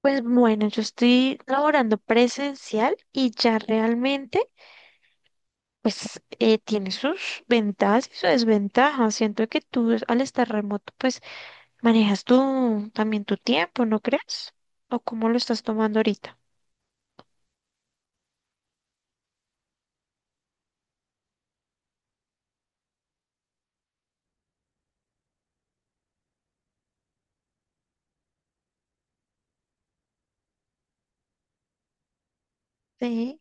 Pues bueno, yo estoy laborando presencial y ya realmente, tiene sus ventajas y sus desventajas. Siento que al estar remoto, pues manejas tú también tu tiempo, ¿no crees? ¿O cómo lo estás tomando ahorita? Sí.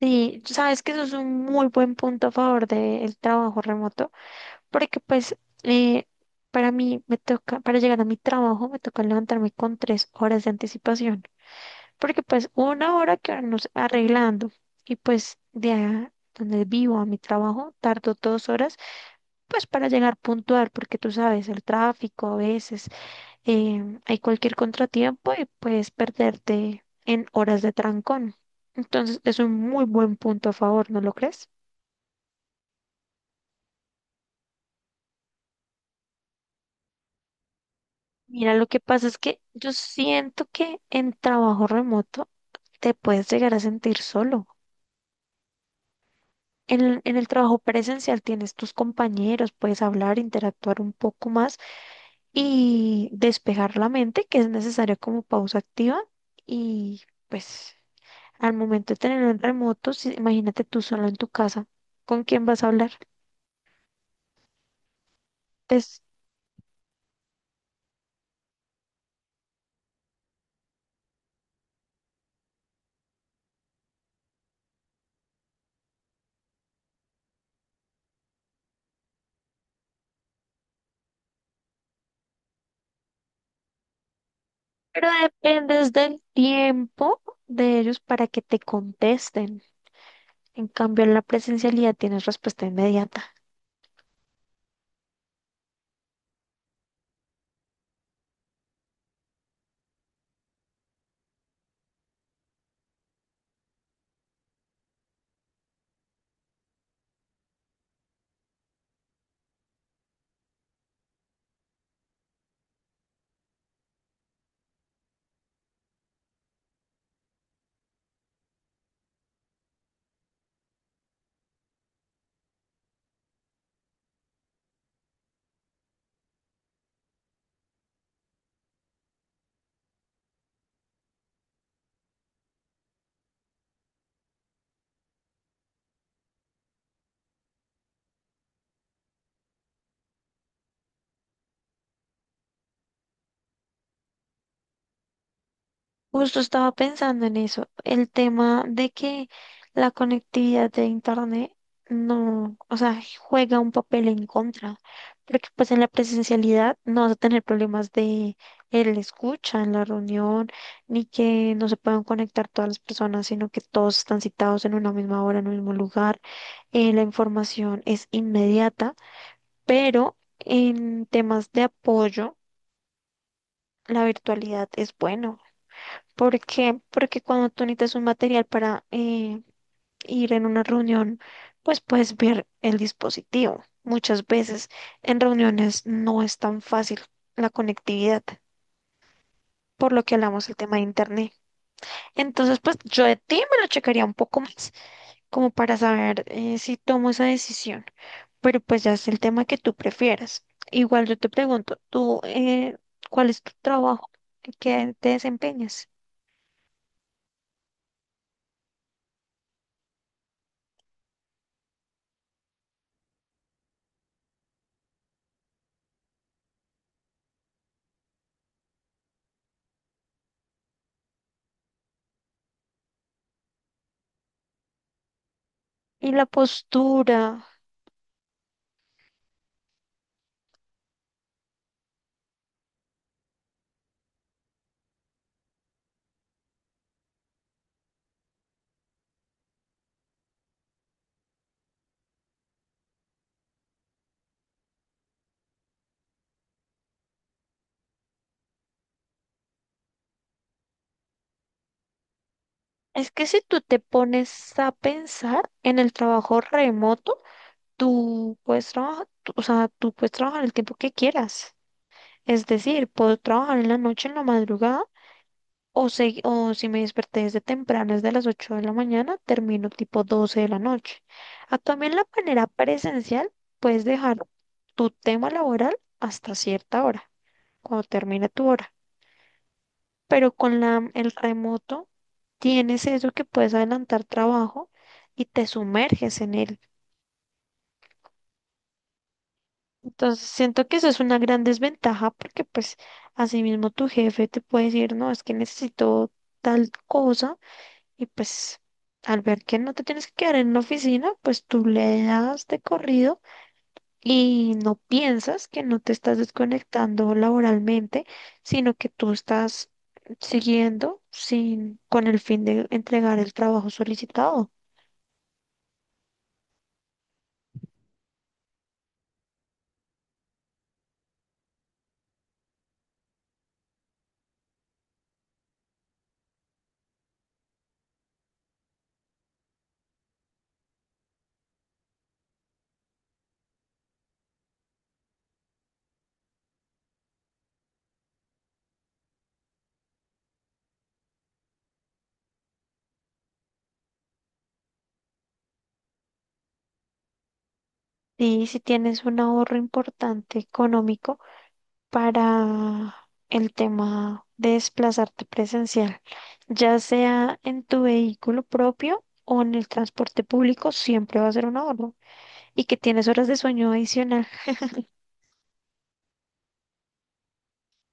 Sí, tú sabes que eso es un muy buen punto a favor del trabajo remoto, porque pues eh, para mí me toca, para llegar a mi trabajo me toca levantarme con 3 horas de anticipación, porque pues una hora que nos arreglando y pues de a donde vivo a mi trabajo tardo 2 horas pues para llegar puntual, porque tú sabes, el tráfico a veces hay cualquier contratiempo y puedes perderte en horas de trancón. Entonces, es un muy buen punto a favor, ¿no lo crees? Mira, lo que pasa es que yo siento que en trabajo remoto te puedes llegar a sentir solo. En el trabajo presencial tienes tus compañeros, puedes hablar, interactuar un poco más y despejar la mente, que es necesario como pausa activa y pues al momento de tenerlo en remoto, imagínate tú solo en tu casa, ¿con quién vas a hablar? Es- pero dependes del tiempo de ellos para que te contesten. En cambio, en la presencialidad tienes respuesta inmediata. Justo estaba pensando en eso, el tema de que la conectividad de Internet no, o sea, juega un papel en contra, porque pues en la presencialidad no vas a tener problemas de el escucha en la reunión, ni que no se puedan conectar todas las personas, sino que todos están citados en una misma hora, en un mismo lugar, la información es inmediata, pero en temas de apoyo, la virtualidad es bueno. ¿Por qué? Porque cuando tú necesitas un material para ir en una reunión, pues puedes ver el dispositivo. Muchas veces en reuniones no es tan fácil la conectividad, por lo que hablamos el tema de internet. Entonces, pues yo de ti me lo checaría un poco más, como para saber si tomo esa decisión. Pero pues ya es el tema que tú prefieras. Igual yo te pregunto, ¿tú cuál es tu trabajo? ¿En ¿Qué te desempeñas? Y la postura. Es que si tú te pones a pensar en el trabajo remoto, tú puedes trabajar, o sea, tú puedes trabajar el tiempo que quieras. Es decir, puedo trabajar en la noche, en la madrugada, o si me desperté desde temprano, desde las 8 de la mañana, termino tipo 12 de la noche. A también la manera presencial, puedes dejar tu tema laboral hasta cierta hora, cuando termine tu hora, pero con el remoto tienes eso que puedes adelantar trabajo y te sumerges en él. Entonces, siento que eso es una gran desventaja, porque pues asimismo tu jefe te puede decir, no, es que necesito tal cosa y pues al ver que no te tienes que quedar en la oficina, pues tú le das de corrido y no piensas que no te estás desconectando laboralmente, sino que tú estás siguiendo sin, con el fin de entregar el trabajo solicitado. Y si tienes un ahorro importante económico para el tema de desplazarte presencial, ya sea en tu vehículo propio o en el transporte público, siempre va a ser un ahorro. Y que tienes horas de sueño adicional.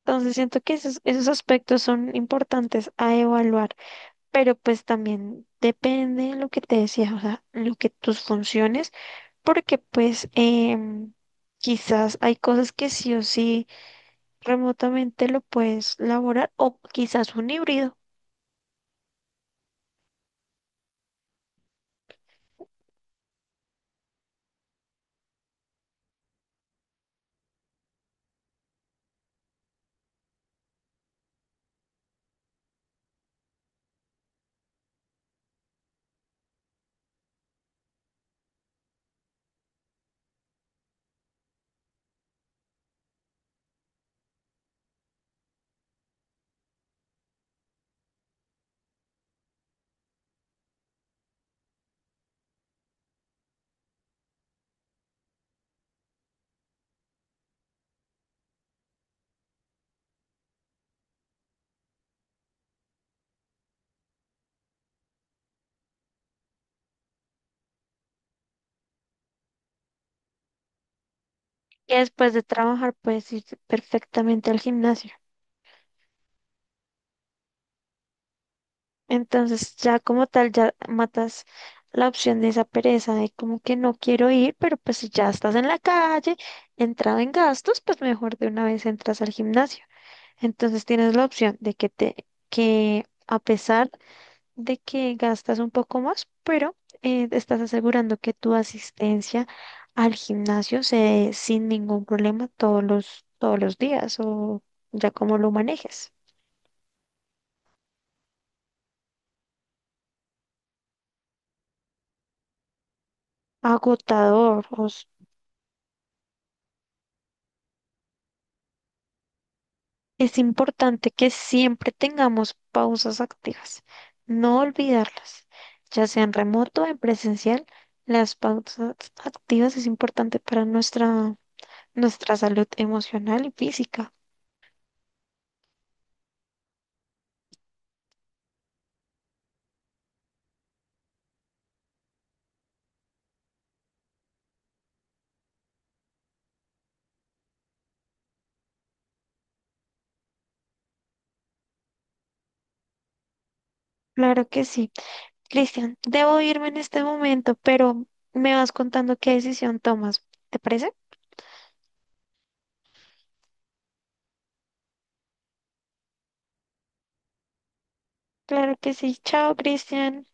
Entonces siento que esos aspectos son importantes a evaluar, pero pues también depende de lo que te decía, o sea, lo que tus funciones, porque em, quizás hay cosas que sí o sí remotamente lo puedes laborar o quizás un híbrido. Que después de trabajar puedes ir perfectamente al gimnasio. Entonces ya como tal ya matas la opción de esa pereza de como que no quiero ir, pero pues si ya estás en la calle, entrado en gastos, pues mejor de una vez entras al gimnasio. Entonces tienes la opción de que te, que a pesar de que gastas un poco más, pero te estás asegurando que tu asistencia al gimnasio se dé sin ningún problema todos los días o ya como lo manejes. Agotador, o es importante que siempre tengamos pausas activas, no olvidarlas, ya sea en remoto o en presencial. Las pausas activas es importante para nuestra, nuestra salud emocional y física. Claro que sí. Cristian, debo irme en este momento, pero me vas contando qué decisión tomas. ¿Te parece? Claro que sí. Chao, Cristian.